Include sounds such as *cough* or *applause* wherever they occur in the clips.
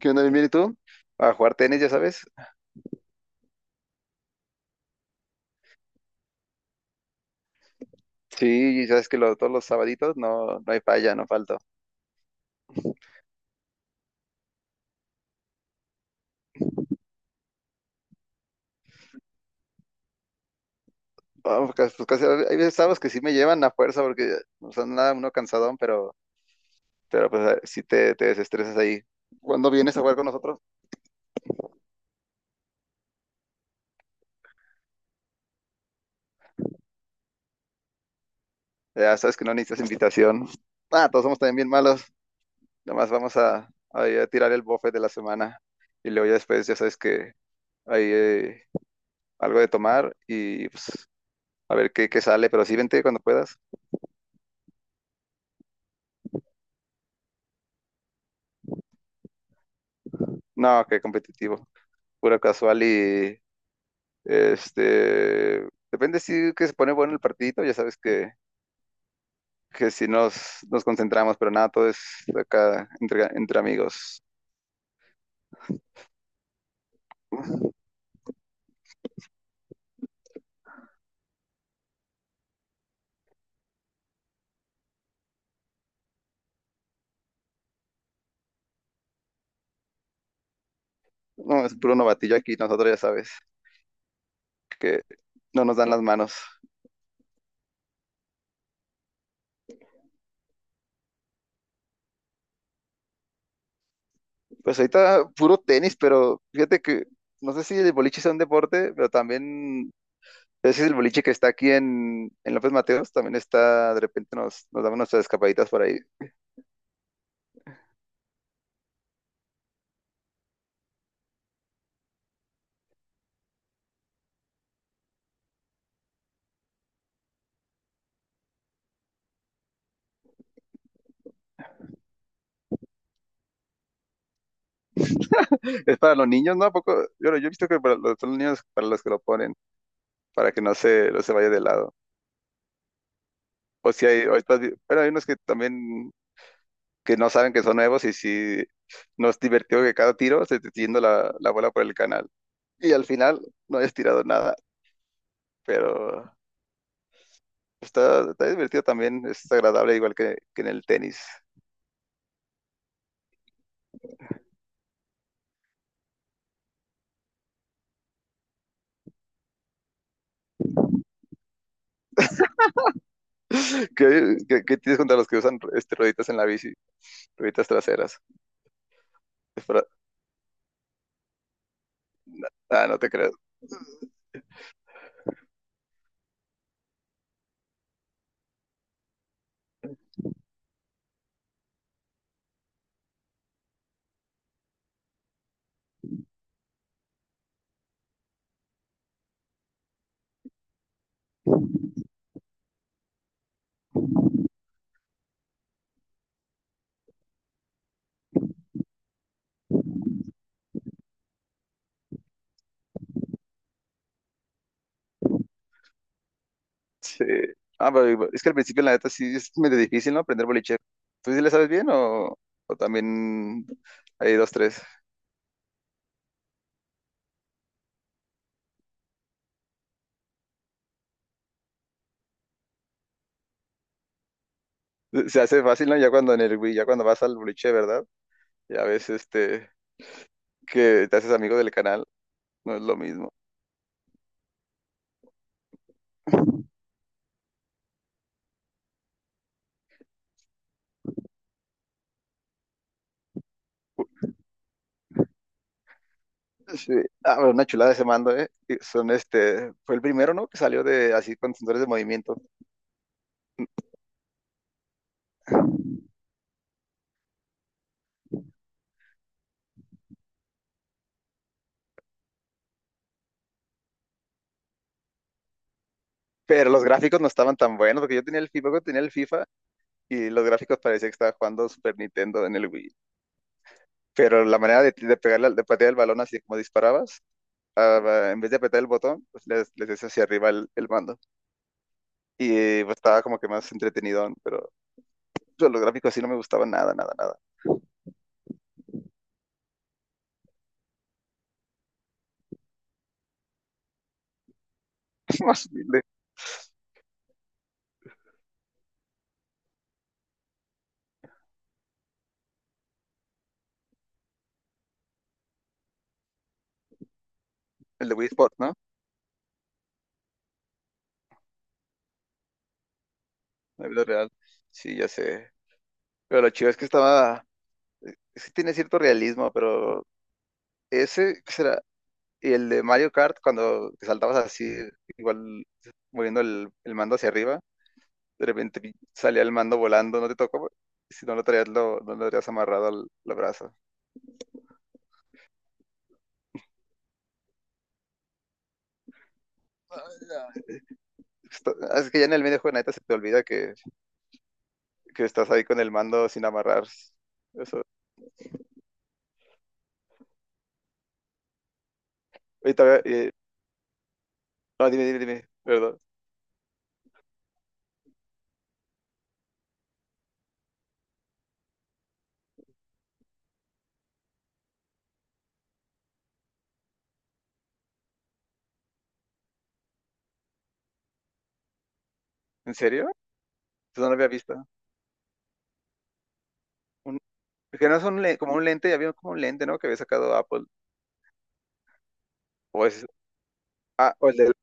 ¿Qué onda? Bien, bien. ¿Y tú? A jugar tenis, ya sabes. Sí, ya sabes que todos los sabaditos no hay falla, no falto. Vamos, casi, hay veces sábados que sí me llevan a fuerza porque no son nada, uno cansadón, pero pues sí te desestresas ahí. Cuando vienes a jugar con nosotros, ya sabes que no necesitas invitación. Ah, todos somos también bien malos. Nomás vamos ir a tirar el buffet de la semana, y luego ya después ya sabes que hay algo de tomar y pues a ver qué sale, pero sí vente cuando puedas. No, qué competitivo. Pura casual y este, depende si que se pone bueno el partidito, ya sabes que si nos concentramos, pero nada, todo es acá entre amigos. No, es puro novatillo aquí, nosotros ya sabes que no nos dan las manos. Pues ahorita puro tenis, pero fíjate que no sé si el boliche sea un deporte, pero también ese es el boliche que está aquí en López Mateos, también está, de repente nos damos nuestras escapaditas por ahí. Es para los niños, ¿no? ¿A poco? Yo he visto que son los niños para los que lo ponen, para que no se vaya de lado. O si hay, o estás, pero hay unos que también que no saben que son nuevos, y si nos divertió que cada tiro se te esté yendo la bola por el canal. Y al final no hayas tirado nada, pero está divertido también, es agradable igual que en el tenis. *laughs* Qué tienes contra los que usan rueditas en la bici, rueditas traseras? Es para- Ah, no te creo. Sí. Ah, pero es que al principio, la neta, sí es medio difícil, ¿no? Aprender boliche. ¿Tú sí le sabes bien o también hay dos, tres? Se hace fácil, ¿no? Ya cuando en el Wii, ya cuando vas al boliche, ¿verdad? Ya ves, que te haces amigo del canal, no es lo mismo. Sí. Ah, pero una chulada ese mando, ¿eh? Y son, fue el primero, ¿no? Que salió de, así, con sensores de movimiento. Pero los gráficos no estaban tan buenos, porque yo tenía el FIFA, y los gráficos parecía que estaba jugando Super Nintendo en el Wii. Pero la manera de pegarle, de patear el balón así como disparabas, en vez de apretar el botón, pues les des hacia arriba el mando. Y pues, estaba como que más entretenido, pero los gráficos sí no me gustaban nada, nada, nada. *laughs* Más el de Wii Sport, ¿no? La vida real. Sí, ya sé. Pero lo chido es que tiene cierto realismo, pero ese, ¿qué será? Y el de Mario Kart, cuando te saltabas así, igual moviendo el mando hacia arriba, de repente salía el mando volando, no te tocó, si no lo traías, no lo habrías amarrado al brazo. Es que ya en el medio juego, neta, se te olvida que estás ahí con el mando sin amarrar. Eso. Oye, todavía, no, dime, dime, dime, perdón. ¿En serio? Eso no lo había visto. Un- que no es como un lente, ya había como un lente, ¿no? Que había sacado Apple. O, es, ah, o, el del,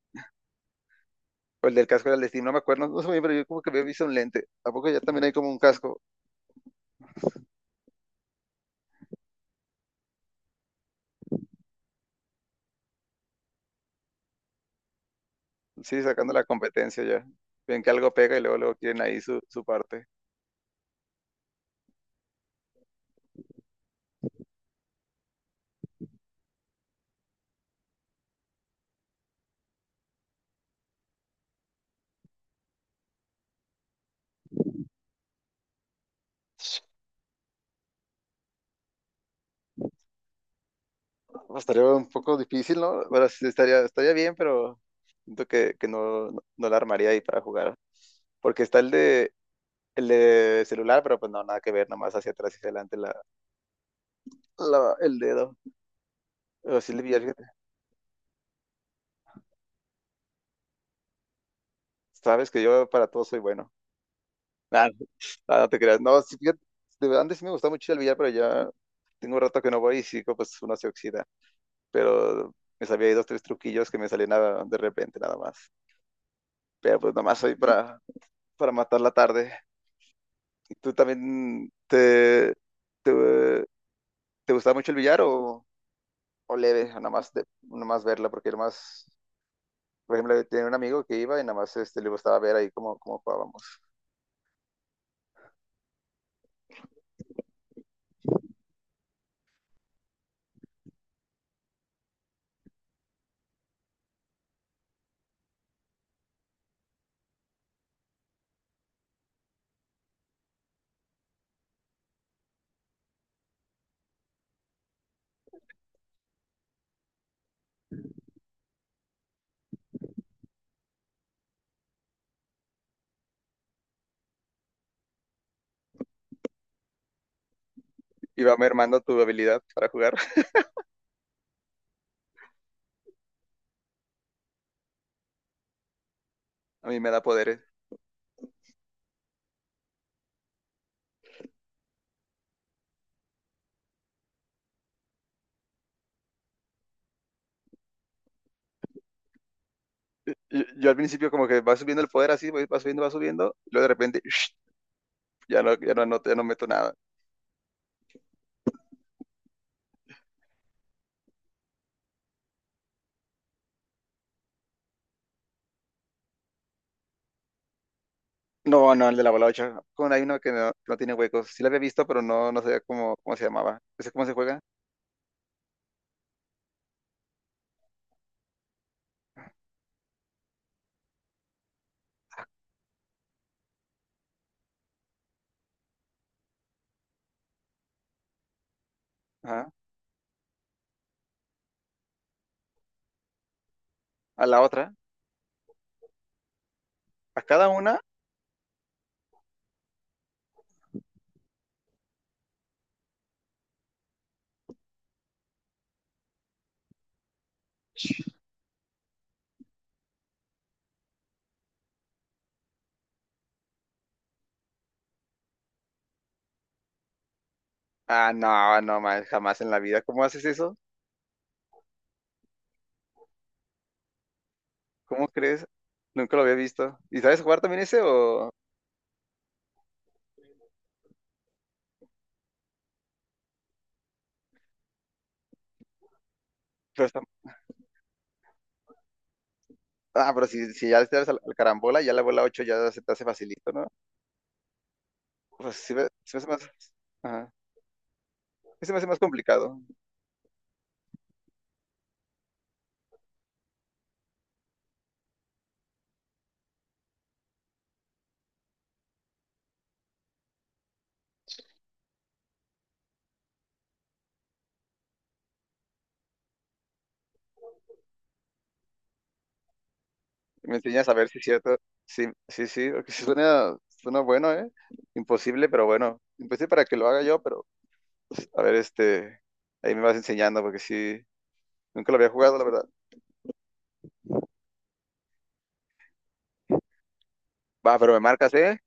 o el del casco del Steam, no me acuerdo, no sé muy bien, pero yo como que había visto un lente. ¿A poco ya también hay como un casco? Sí, sacando la competencia ya. Ven que algo pega y luego quieren ahí su parte. Pues, estaría un poco difícil, ¿no? Bueno, sí, estaría bien, pero siento que no, no, no la armaría ahí para jugar. Porque está el de celular, pero pues no, nada que ver, nomás hacia atrás y hacia adelante el dedo. Pero sí, le vi, fíjate, sabes que yo para todo soy bueno. *laughs* Nah, nah, no te creas. No, sí, fíjate, de verdad, antes sí me gustaba mucho el billar, pero ya tengo un rato que no voy y sí, pues uno se oxida. Pero me sabía ahí dos, tres truquillos que me salían de repente nada más. Pero pues nomás soy para matar la tarde. ¿Y tú también te, te gustaba mucho el billar o leve? O nada más, nada más verla, porque nada más, por ejemplo, tenía un amigo que iba y nada más le gustaba ver ahí cómo jugábamos. Iba mermando tu habilidad para jugar. *laughs* A mí me da poderes. Yo al principio como que va subiendo el poder así, va subiendo, y luego de repente *laughs* *sniffs* ya no, ya no anoto, ya no meto nada. No, no, el de la balocha. Con hay uno que no tiene huecos. Sí la había visto, pero no sabía cómo se llamaba. ¿Ese cómo se juega? Ajá. A la otra. A cada una. Ah, no, no, man, jamás en la vida. ¿Cómo haces eso? ¿Cómo crees? Nunca lo había visto. ¿Y sabes jugar también ese o...? Pero está- Ah, pero si ya le das al carambola, ya la bola 8 ya se te hace facilito, ¿no? Pues sí se me hace más... Ajá. Sí se me hace más complicado. Me enseñas a ver si es cierto. Sí, sí, sí, porque *laughs* sí suena bueno, ¿eh? Imposible, pero bueno. Imposible para que lo haga yo, pero... A ver. Ahí me vas enseñando porque sí... Nunca lo había jugado, la verdad. Va, pero me marcas, ¿eh?